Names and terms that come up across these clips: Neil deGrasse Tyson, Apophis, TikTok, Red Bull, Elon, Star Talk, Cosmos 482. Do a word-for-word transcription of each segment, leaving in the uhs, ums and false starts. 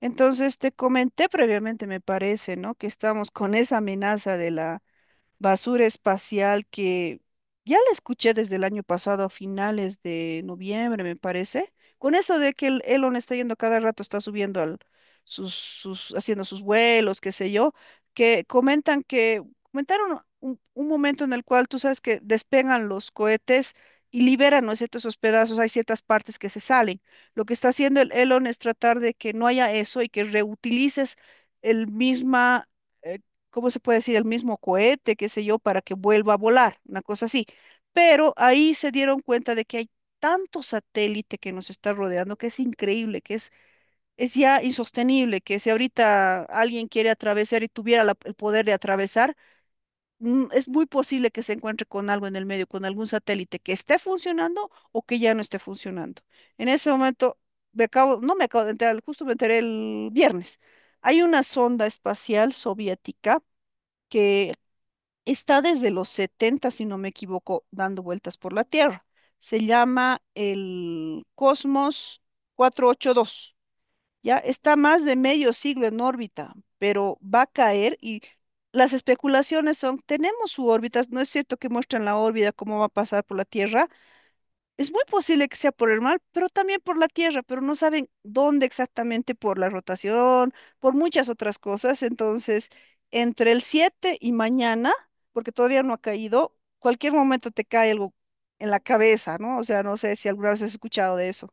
Entonces, te comenté previamente, me parece, ¿no? Que estamos con esa amenaza de la basura espacial que ya la escuché desde el año pasado a finales de noviembre, me parece, con esto de que el Elon está yendo cada rato, está subiendo al, sus, sus, haciendo sus vuelos, qué sé yo, que comentan que, comentaron un, un momento en el cual tú sabes que despegan los cohetes. Y liberan, ¿no es cierto?, esos pedazos, hay ciertas partes que se salen. Lo que está haciendo el Elon es tratar de que no haya eso y que reutilices el mismo ¿cómo se puede decir? El mismo cohete, qué sé yo, para que vuelva a volar, una cosa así. Pero ahí se dieron cuenta de que hay tanto satélite que nos está rodeando que es increíble, que es, es ya insostenible, que si ahorita alguien quiere atravesar y tuviera la- el poder de atravesar, mm, es muy posible que se encuentre con algo en el medio, con algún satélite que esté funcionando o que ya no esté funcionando. En ese momento, me acabo, no me acabo de enterar, justo me enteré el viernes. Hay una sonda espacial soviética que está desde los setenta si no me equivoco, dando vueltas por la Tierra. Se llama el Cosmos cuatrocientos ochenta y dos. Ya está más de medio siglo en órbita, pero va a caer y las especulaciones son, tenemos su órbita, no es cierto que muestran la órbita, cómo va a pasar por la Tierra, es muy posible que sea por el mar, pero también por la tierra, pero no saben dónde exactamente por la rotación, por muchas otras cosas. Entonces, entre el siete y mañana, porque todavía no ha caído, cualquier momento te cae algo en la cabeza, ¿no? O sea, no sé si alguna vez has escuchado de eso.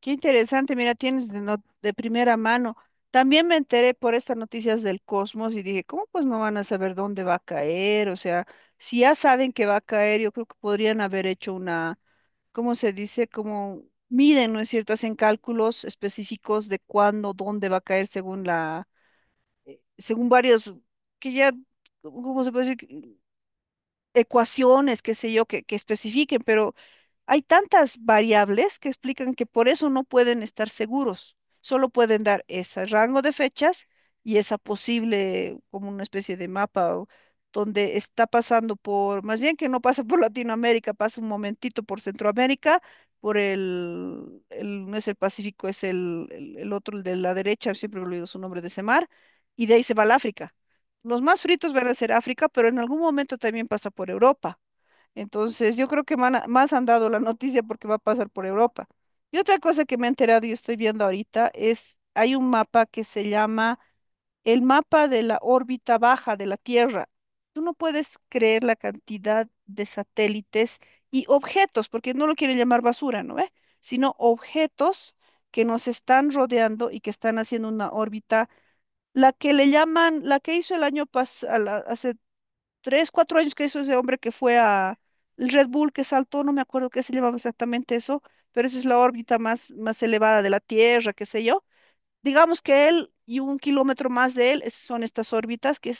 Qué interesante, mira, tienes de, not- de primera mano. También me enteré por estas noticias del Cosmos y dije, ¿cómo pues no van a saber dónde va a caer? O sea, si ya saben que va a caer, yo creo que podrían haber hecho una, ¿cómo se dice? Como miden, ¿no es cierto? Hacen cálculos específicos de cuándo, dónde va a caer según la, según varios, que ya, ¿cómo se puede decir? Ecuaciones, qué sé yo, que, que especifiquen, pero hay tantas variables que explican que por eso no pueden estar seguros. Solo pueden dar ese rango de fechas y esa posible, como una especie de mapa, o donde está pasando por, más bien que no pasa por Latinoamérica, pasa un momentito por Centroamérica, por el, el- no es el Pacífico, es el, el, el otro, el de la derecha, siempre he olvidado su nombre de ese mar, y de ahí se va al África. Los más fritos van a ser África, pero en algún momento también pasa por Europa. Entonces, yo creo que man- más han dado la noticia porque va a pasar por Europa. Y otra cosa que me he enterado y estoy viendo ahorita es, hay un mapa que se llama el mapa de la órbita baja de la Tierra. Tú no puedes creer la cantidad de satélites y objetos, porque no lo quieren llamar basura, ¿no ve? Sino objetos que nos están rodeando y que están haciendo una órbita, la que le llaman, la que hizo el año pasado, tres, cuatro años que hizo ese hombre que fue a el Red Bull que saltó, no me acuerdo qué se llamaba exactamente eso, pero esa es la órbita más, más elevada de la Tierra, qué sé yo. Digamos que él y un kilómetro más de él, esas son estas órbitas que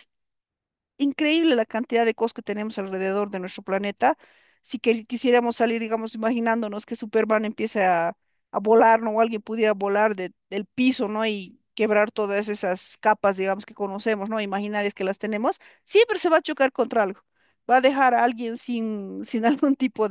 increíble la cantidad de cosas que tenemos alrededor de nuestro planeta. Si que- quisiéramos salir, digamos, imaginándonos que Superman empiece a, a volar, ¿no? O alguien pudiera volar de- del piso, ¿no? Y quebrar todas esas capas, digamos, que conocemos, ¿no? Imaginarias que las tenemos, siempre se va a chocar contra algo. Va a dejar a alguien sin, sin algún tipo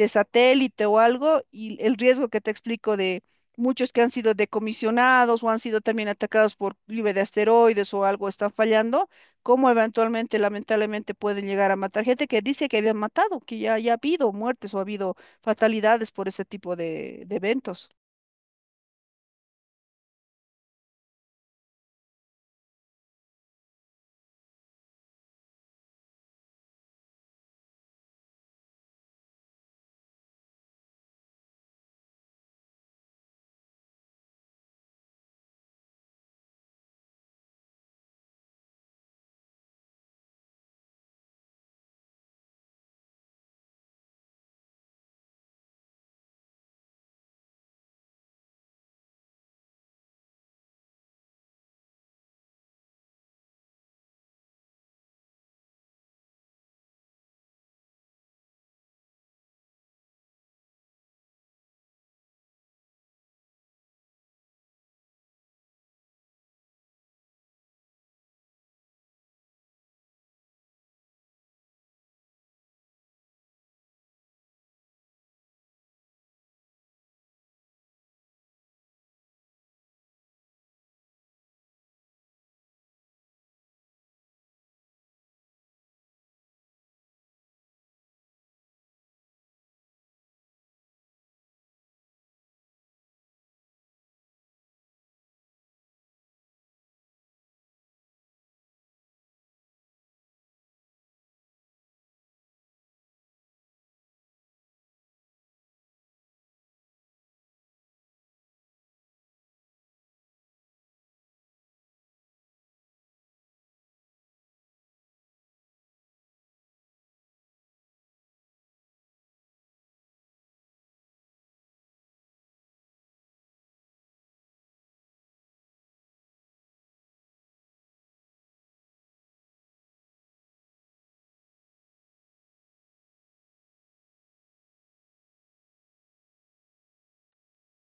de satélite o algo, y el riesgo que te explico de muchos que han sido decomisionados o han sido también atacados por lluvia de asteroides o algo, están fallando, cómo eventualmente, lamentablemente, pueden llegar a matar gente que dice que habían matado, que ya, ya ha habido muertes o ha habido fatalidades por ese tipo de de eventos.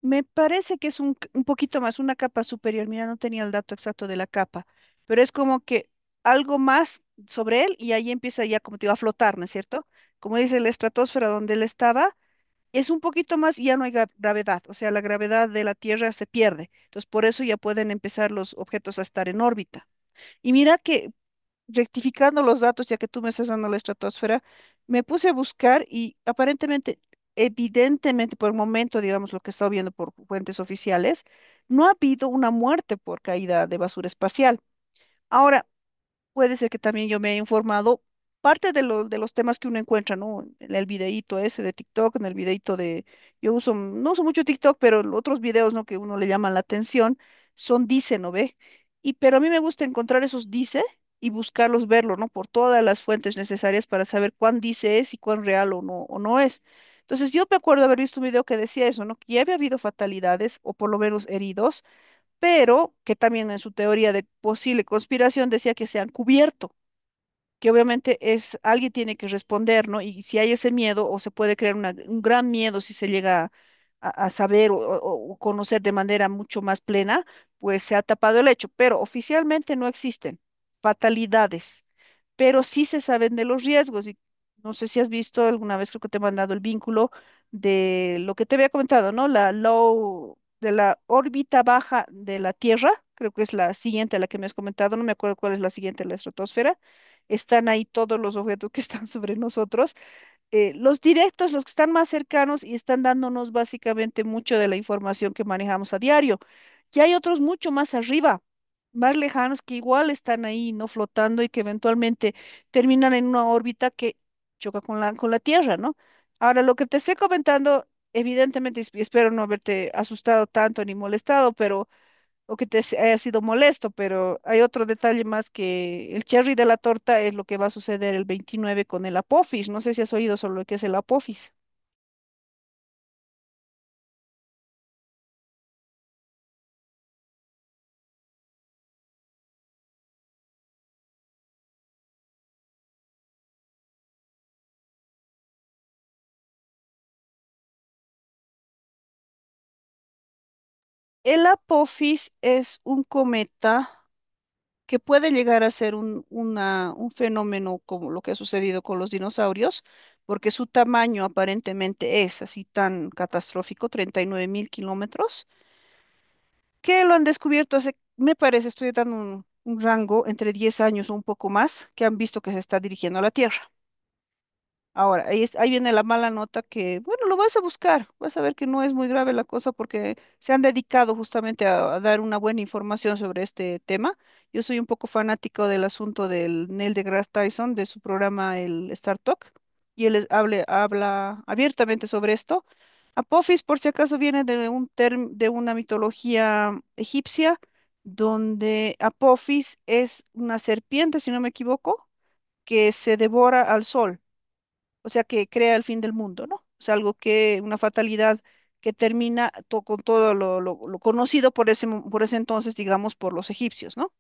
Me parece que es un, c- un poquito más, una capa superior. Mira, no tenía el dato exacto de la capa, pero es como que algo más sobre él y ahí empieza ya, como te digo, a flotar, ¿no es cierto? Como dice la estratosfera donde él estaba, es un poquito más y ya no hay gra- gravedad, o sea, la gravedad de la Tierra se pierde. Entonces, por eso ya pueden empezar los objetos a estar en órbita. Y mira que rectificando los datos, ya que tú me estás dando la estratosfera, me puse a buscar y aparentemente, evidentemente, por el momento, digamos, lo que he estado viendo por fuentes oficiales, no ha habido una muerte por caída de basura espacial. Ahora, puede ser que también yo me he informado parte de, lo- de los temas que uno encuentra, ¿no? En el videíto ese de TikTok, en el videíto de... Yo uso, no uso mucho TikTok, pero los otros videos, ¿no? Que uno le llaman la atención, son dice, ¿no ve? Y pero a mí me gusta encontrar esos dice y buscarlos, verlo, ¿no? Por todas las fuentes necesarias para saber cuán dice es y cuán real o no, o no es. Entonces yo me acuerdo haber visto un video que decía eso, ¿no? Que ya había habido fatalidades o por lo menos heridos pero que también en su teoría de posible conspiración decía que se han cubierto, que obviamente es alguien tiene que responder, ¿no? Y si hay ese miedo, o se puede crear una- un gran miedo si se llega a, a saber o, o- o conocer de manera mucho más plena, pues se ha tapado el hecho, pero oficialmente no existen fatalidades pero sí se saben de los riesgos. Y no sé si has visto alguna vez, creo que te he mandado el vínculo de lo que te había comentado, ¿no? La low, de la órbita baja de la Tierra, creo que es la siguiente a la que me has comentado, no me acuerdo cuál es la siguiente, la estratosfera. Están ahí todos los objetos que están sobre nosotros eh, los directos, los que están más cercanos y están dándonos básicamente mucho de la información que manejamos a diario. Y hay otros mucho más arriba, más lejanos, que igual están ahí, ¿no? Flotando y que eventualmente terminan en una órbita que choca con la, con la Tierra, ¿no? Ahora, lo que te estoy comentando, evidentemente, y espero no haberte asustado tanto ni molestado, pero o que te s- haya sido molesto, pero hay otro detalle más que el cherry de la torta es lo que va a suceder el veintinueve con el Apophis. No sé si has oído sobre lo que es el Apophis. El Apophis es un cometa que puede llegar a ser un, una- un fenómeno como lo que ha sucedido con los dinosaurios, porque su tamaño aparentemente es así tan catastrófico, 39 mil kilómetros, que lo han descubierto hace, me parece, estoy dando un, un rango entre diez años o un poco más, que han visto que se está dirigiendo a la Tierra. Ahora, ahí, es- ahí viene la mala nota que, bueno, lo vas a buscar, vas a ver que no es muy grave la cosa porque se han dedicado justamente a, a dar una buena información sobre este tema. Yo soy un poco fanático del asunto del Neil deGrasse Tyson, de su programa el Star Talk, y él es- hable- habla abiertamente sobre esto. Apophis, por si acaso, viene de un term- de una mitología egipcia donde Apophis es una serpiente, si no me equivoco, que se devora al sol o sea, que crea el fin del mundo, ¿no? Es algo que, una fatalidad que termina to- con todo lo, lo- lo conocido por ese, mo- por ese entonces, digamos, por los egipcios, ¿no?